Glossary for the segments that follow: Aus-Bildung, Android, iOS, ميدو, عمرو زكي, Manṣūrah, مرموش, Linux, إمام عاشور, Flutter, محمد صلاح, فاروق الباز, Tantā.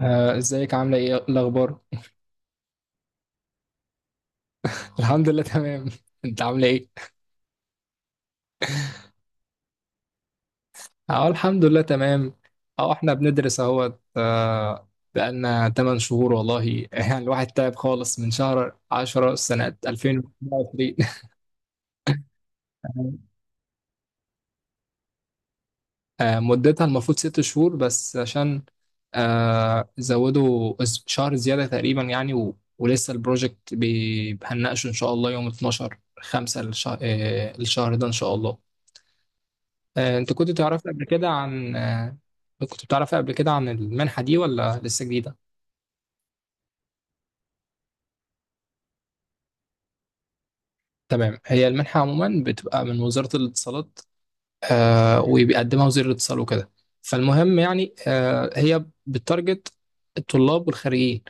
ازيك، عاملة ايه؟ إيه الأخبار؟ الحمد لله، تمام. انت عاملة ايه؟ اه، الحمد لله تمام. اه احنا بندرس اهوت. بقالنا 8 شهور والله. يعني الواحد تعب خالص من شهر 10 سنة 2022. مدتها المفروض 6 شهور، بس عشان زودوا شهر زيادة تقريبا يعني ولسه البروجكت هنناقشه ان شاء الله يوم 12 5 الشهر ده ان شاء الله. انت كنت تعرف قبل كده عن كنت بتعرف قبل كده عن المنحة دي ولا لسه جديدة؟ تمام. هي المنحة عموما بتبقى من وزارة الاتصالات، وبيقدمها وزير الاتصال وكده. فالمهم يعني هي بتارجت الطلاب والخريجين.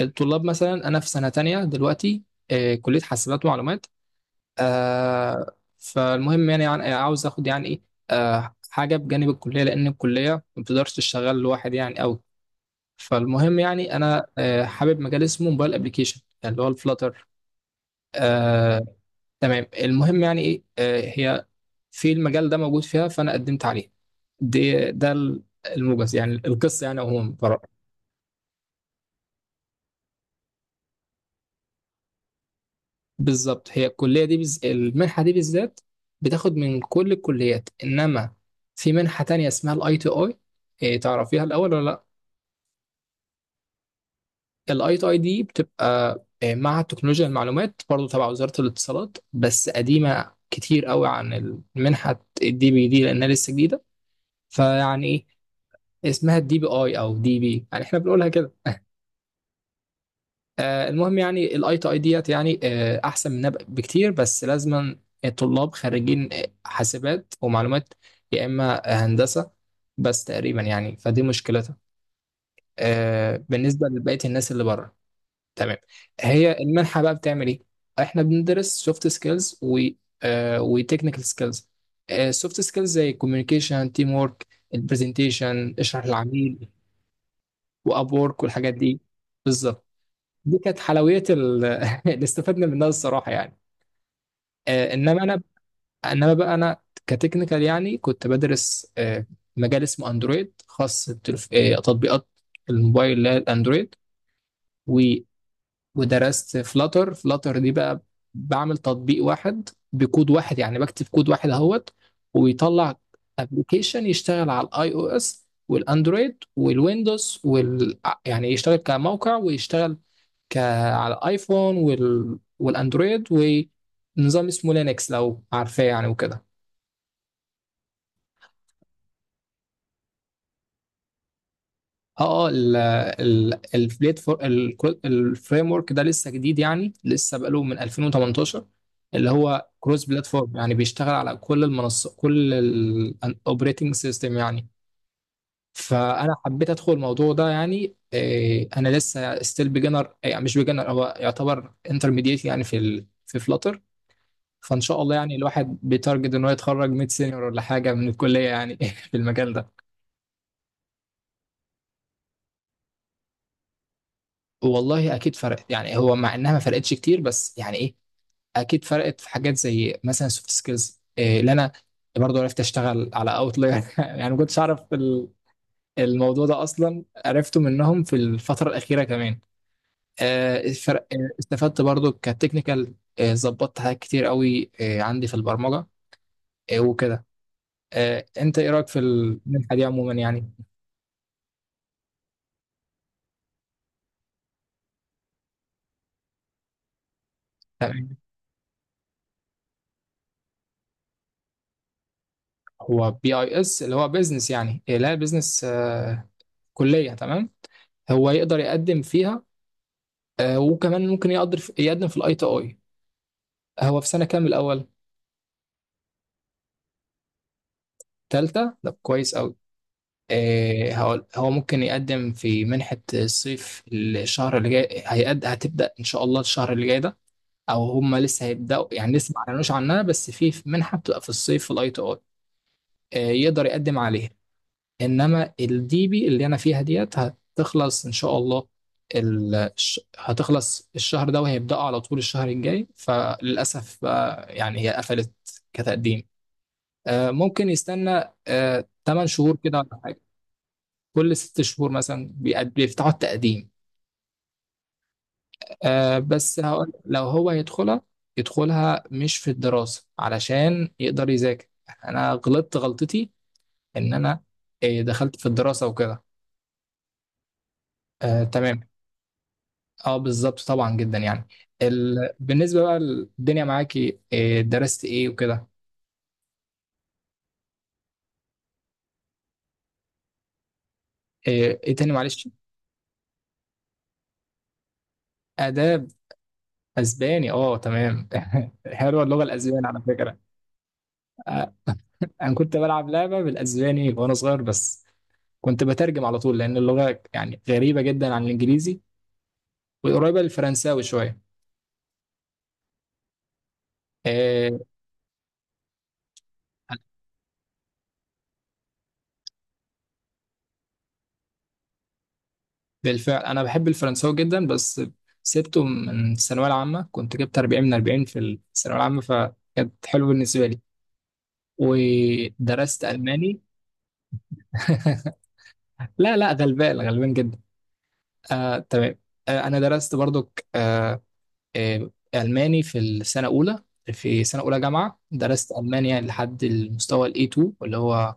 الطلاب مثلا، أنا في سنة تانية دلوقتي، كلية حاسبات ومعلومات. فالمهم يعني عاوز آخد يعني إيه حاجة بجانب الكلية، لأن الكلية ما بتقدرش تشتغل لوحد يعني أوي. فالمهم يعني انا حابب مجال اسمه موبايل ابلكيشن اللي هو الفلاتر. آه تمام. المهم يعني ايه آه هي في المجال ده موجود فيها، فانا قدمت عليه. دي ده ال- الموجز يعني القصه يعني عموما بالظبط. هي المنحه دي بالذات بتاخد من كل الكليات، انما في منحه تانية اسمها الاي تي اي. تعرفيها الاول ولا؟ الاي تي اي دي بتبقى مع تكنولوجيا المعلومات برضو تبع وزارة الاتصالات، بس قديمة كتير قوي عن المنحة الدي بي دي لأنها لسه جديدة. فيعني إيه اسمها؟ الدي بي اي أو دي بي يعني إحنا بنقولها كده. المهم يعني الاي تي اي ديت يعني أحسن منها بكتير، بس لازما الطلاب خريجين حاسبات ومعلومات يا إما هندسة بس تقريبا يعني. فدي مشكلتها بالنسبة لبقية الناس اللي بره. تمام. هي المنحة بقى بتعمل ايه؟ احنا بندرس سوفت سكيلز و وتكنيكال سكيلز. سوفت سكيلز زي الكوميونيكيشن، تيم ورك، البرزنتيشن، اشرح للعميل، واب وورك، والحاجات دي. بالظبط. دي كانت حلويات ال- اللي استفدنا منها الصراحة يعني، آه، انما انا انما بقى انا كتكنيكال، يعني كنت بدرس مجال اسمه اندرويد خاص تطبيقات الموبايل اللي هي الاندرويد. ودرست فلاتر. فلاتر دي بقى بعمل تطبيق واحد بكود واحد، يعني بكتب كود واحد اهوت ويطلع ابلكيشن يشتغل على الاي او اس والاندرويد والويندوز يعني يشتغل كموقع ويشتغل ك... على الايفون والاندرويد، ونظام اسمه لينكس لو عارفاه يعني وكده. اه اه، ال ال البليت فور، الفريم ورك ده لسه جديد يعني، لسه بقاله من 2018، اللي هو كروس بلاتفورم يعني بيشتغل على كل المنصات، كل الاوبريتنج سيستم يعني. فانا حبيت ادخل الموضوع ده، يعني إيه، انا لسه ستيل بيجنر يعني، مش بيجنر، هو يعتبر انترميديت يعني في فلاتر. فان شاء الله يعني الواحد بيتارجت ان هو يتخرج ميد سينيور ولا حاجه من الكليه يعني في المجال ده. والله اكيد فرقت، يعني هو مع انها ما فرقتش كتير بس يعني إيه، اكيد فرقت في حاجات زي مثلا سوفت سكيلز اللي انا برضو عرفت اشتغل على اوتلاير يعني ما كنتش اعرف الموضوع ده اصلا، عرفته منهم في الفتره الاخيره كمان. الفرق استفدت برضو كتكنيكال، ظبطت حاجات كتير قوي عندي في البرمجه وكده. انت ايه رايك في المنحه دي عموما يعني؟ تمام. هو بي اي اس اللي هو بيزنس يعني، لا بيزنس كليه، تمام. هو يقدر يقدم فيها وكمان ممكن يقدر يقدم في الاي تي اي. هو في سنة كام الأول؟ تالتة؟ طب كويس أوي. إيه، هقول هو ممكن يقدم في منحة الصيف الشهر اللي جاي. هتبدأ إن شاء الله الشهر اللي جاي ده، أو هما لسه هيبدأوا يعني، لسه ما أعلنوش عنها، بس في منحة بتبقى في الصيف في الأي تي أي يقدر يقدم عليها. إنما الدي بي اللي أنا فيها ديت هتخلص إن شاء الله. هتخلص الشهر ده وهيبدأوا على طول الشهر الجاي. فللأسف بقى يعني هي قفلت كتقديم. ممكن يستنى 8 شهور كده ولا حاجه. كل 6 شهور مثلا بيفتحوا التقديم. بس هقول لو هو يدخلها، يدخلها مش في الدراسه علشان يقدر يذاكر. انا غلطت غلطتي ان انا دخلت في الدراسه وكده تمام. اه بالظبط طبعا جدا يعني. بالنسبه بقى الدنيا معاكي، درست ايه وكده؟ ايه تاني معلش؟ اداب اسباني؟ اه تمام. حلوه اللغه الاسبانيه على فكره. انا كنت بلعب لعبه بالاسباني وانا صغير، بس كنت بترجم على طول لان اللغه يعني غريبه جدا عن الانجليزي وقريبه للفرنساوي شويه. آه، بالفعل انا بحب الفرنساوي جدا، بس سبته من الثانويه العامه. كنت جبت 40 من 40 في الثانويه العامه، فكانت حلوه بالنسبه لي. ودرست الماني. لا لا، غلبان غلبان جدا. آه تمام. آه انا درست برضو ألماني في السنة الأولى. في سنة أولى جامعة درست ألماني، يعني لحد المستوى ال A2 اللي هو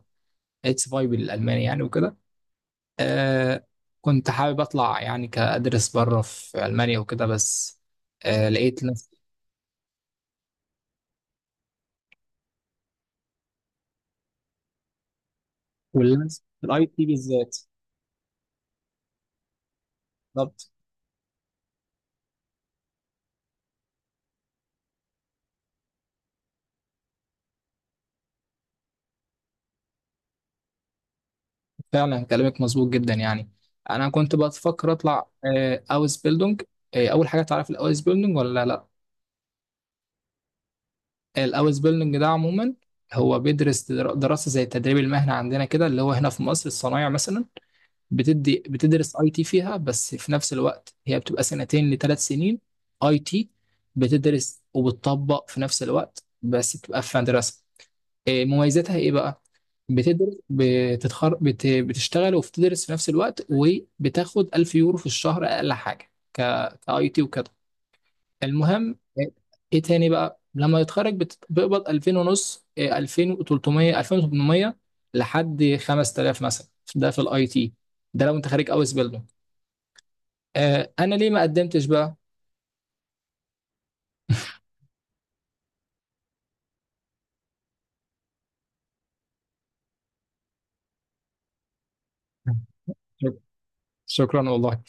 اتس فاي بالألماني يعني وكده. آه. كنت حابب أطلع يعني، كأدرس بره في ألمانيا وكده، بس آه لقيت نفسي. واللانس في الأي تي بالذات. بالظبط. فعلا كلامك مظبوط جدا يعني. أنا كنت بفكر أطلع آه أوز بيلدونج. آه، أول حاجة، تعرف الأوز بيلدونج ولا لأ؟ الاوس بيلدنج ده عموما، هو بيدرس دراسه زي التدريب المهني عندنا كده، اللي هو هنا في مصر الصنايع مثلا. بتدي، بتدرس اي تي فيها، بس في نفس الوقت هي بتبقى 2 لـ 3 سنين اي تي. بتدرس وبتطبق في نفس الوقت، بس بتبقى في مدرسه. إيه مميزاتها ايه بقى؟ بتدرس، بتشتغل وبتدرس في نفس الوقت، وبتاخد 1000 يورو في الشهر اقل حاجه كاي تي وكده. المهم ايه إيه تاني بقى؟ لما يتخرج بيقبض 2000 ونص إيه، 2300 2800 لحد 5000 مثلا. ده في الاي تي، ده لو انت خارج اوس بيلدونج. آه انا ليه ما قدمتش بقى؟ شك- شكرا والله.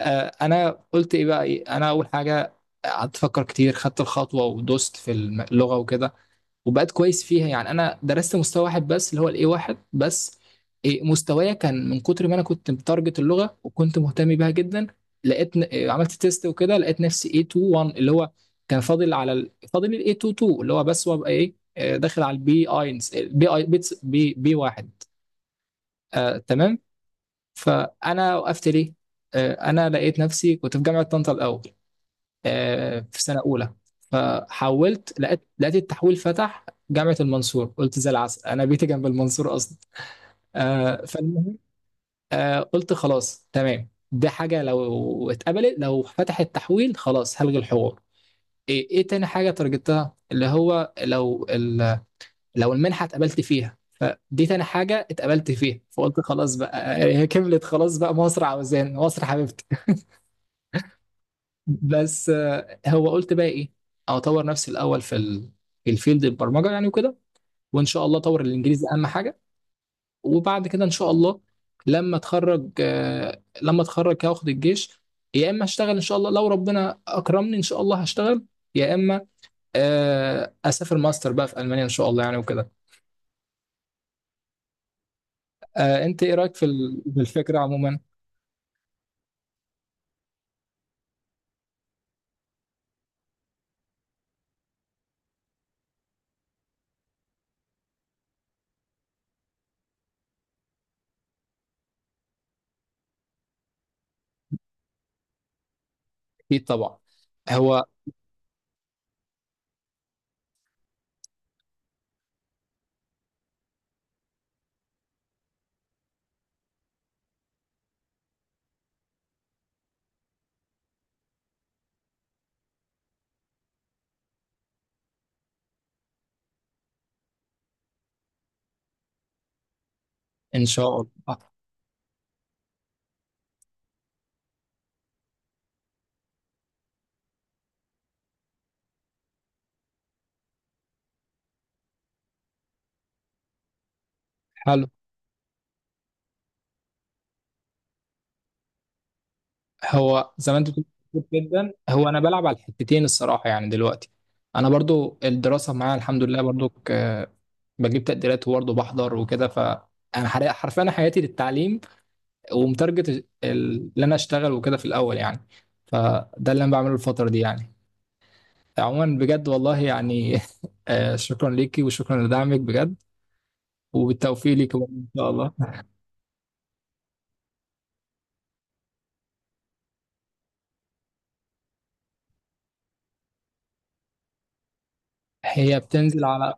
آه انا قلت ايه بقى إيه؟ انا اول حاجه قعدت افكر كتير، خدت الخطوه ودوست في اللغه وكده وبقيت كويس فيها يعني. انا درست مستوى واحد بس اللي هو الاي واحد بس إيه، مستوايا كان من كتر ما انا كنت متارجت اللغه وكنت مهتم بيها جدا. لقيت ن- إيه، عملت تيست وكده، لقيت نفسي A 2 1 اللي هو كان فاضل على فاضل ال A 2 2 اللي هو بس، وابقى ايه داخل على البي اينز البي اي بي بي 1. آه تمام. فانا وقفت ليه؟ آه انا لقيت نفسي كنت في جامعه طنطا الاول، في سنة أولى. فحولت لقيت التحويل فتح جامعة المنصور، قلت زي العسل، أنا بيتي جنب المنصور أصلا. فالمهم قلت خلاص تمام، دي حاجة لو اتقبلت، لو فتح التحويل خلاص هلغي الحوار. إيه, إيه تاني حاجة ترجتها، اللي هو لو لو المنحة اتقبلت فيها، فدي تاني حاجة اتقبلت فيها، فقلت خلاص بقى. هي كملت خلاص بقى، مصر عاوزان، مصر حبيبتي. بس هو قلت بقى ايه، او اطور نفسي الاول في الفيلد البرمجه يعني وكده. وان شاء الله اطور الانجليزي اهم حاجه. وبعد كده ان شاء الله لما اتخرج لما اتخرج هاخد الجيش، يا اما اشتغل ان شاء الله لو ربنا اكرمني ان شاء الله هشتغل، يا اما اسافر ماستر بقى في المانيا ان شاء الله يعني وكده. انت ايه رايك في الفكره عموما؟ اكيد طبعا. هو ان شاء الله حلو. هو زي ما انت بتقول، مظبوط جدا. هو انا بلعب على الحتتين الصراحه يعني دلوقتي. انا برضو الدراسه معايا الحمد لله برضو بجيب تقديرات وبرضو بحضر وكده ف انا حرفيا، أنا حياتي للتعليم، ومتارجت اللي انا اشتغل وكده في الاول يعني. فده اللي انا بعمله الفتره دي يعني. عموما بجد والله يعني شكرا ليكي وشكرا لدعمك بجد، وبالتوفيق ليكي برضو ان شاء الله. هي بتنزل على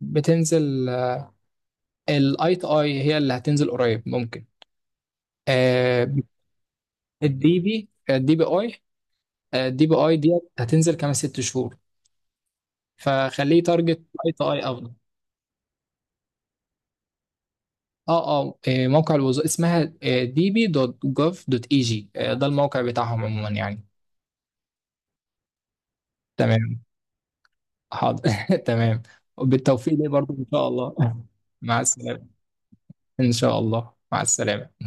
بتنزل. الاي تي اي هي اللي هتنزل قريب ممكن، آه، الدي بي اي الدي بي اي دي هتنزل كمان 6 شهور، فخليه تارجت اي تو اي افضل. اه اه، موقع الوظائف اسمها دي بي دوت جوف دوت اي جي. ده الموقع بتاعهم عموما يعني. تمام. حاضر. تمام. بالتوفيق ليه برضو ان شاء الله. مع السلامة. ان شاء الله مع السلامة.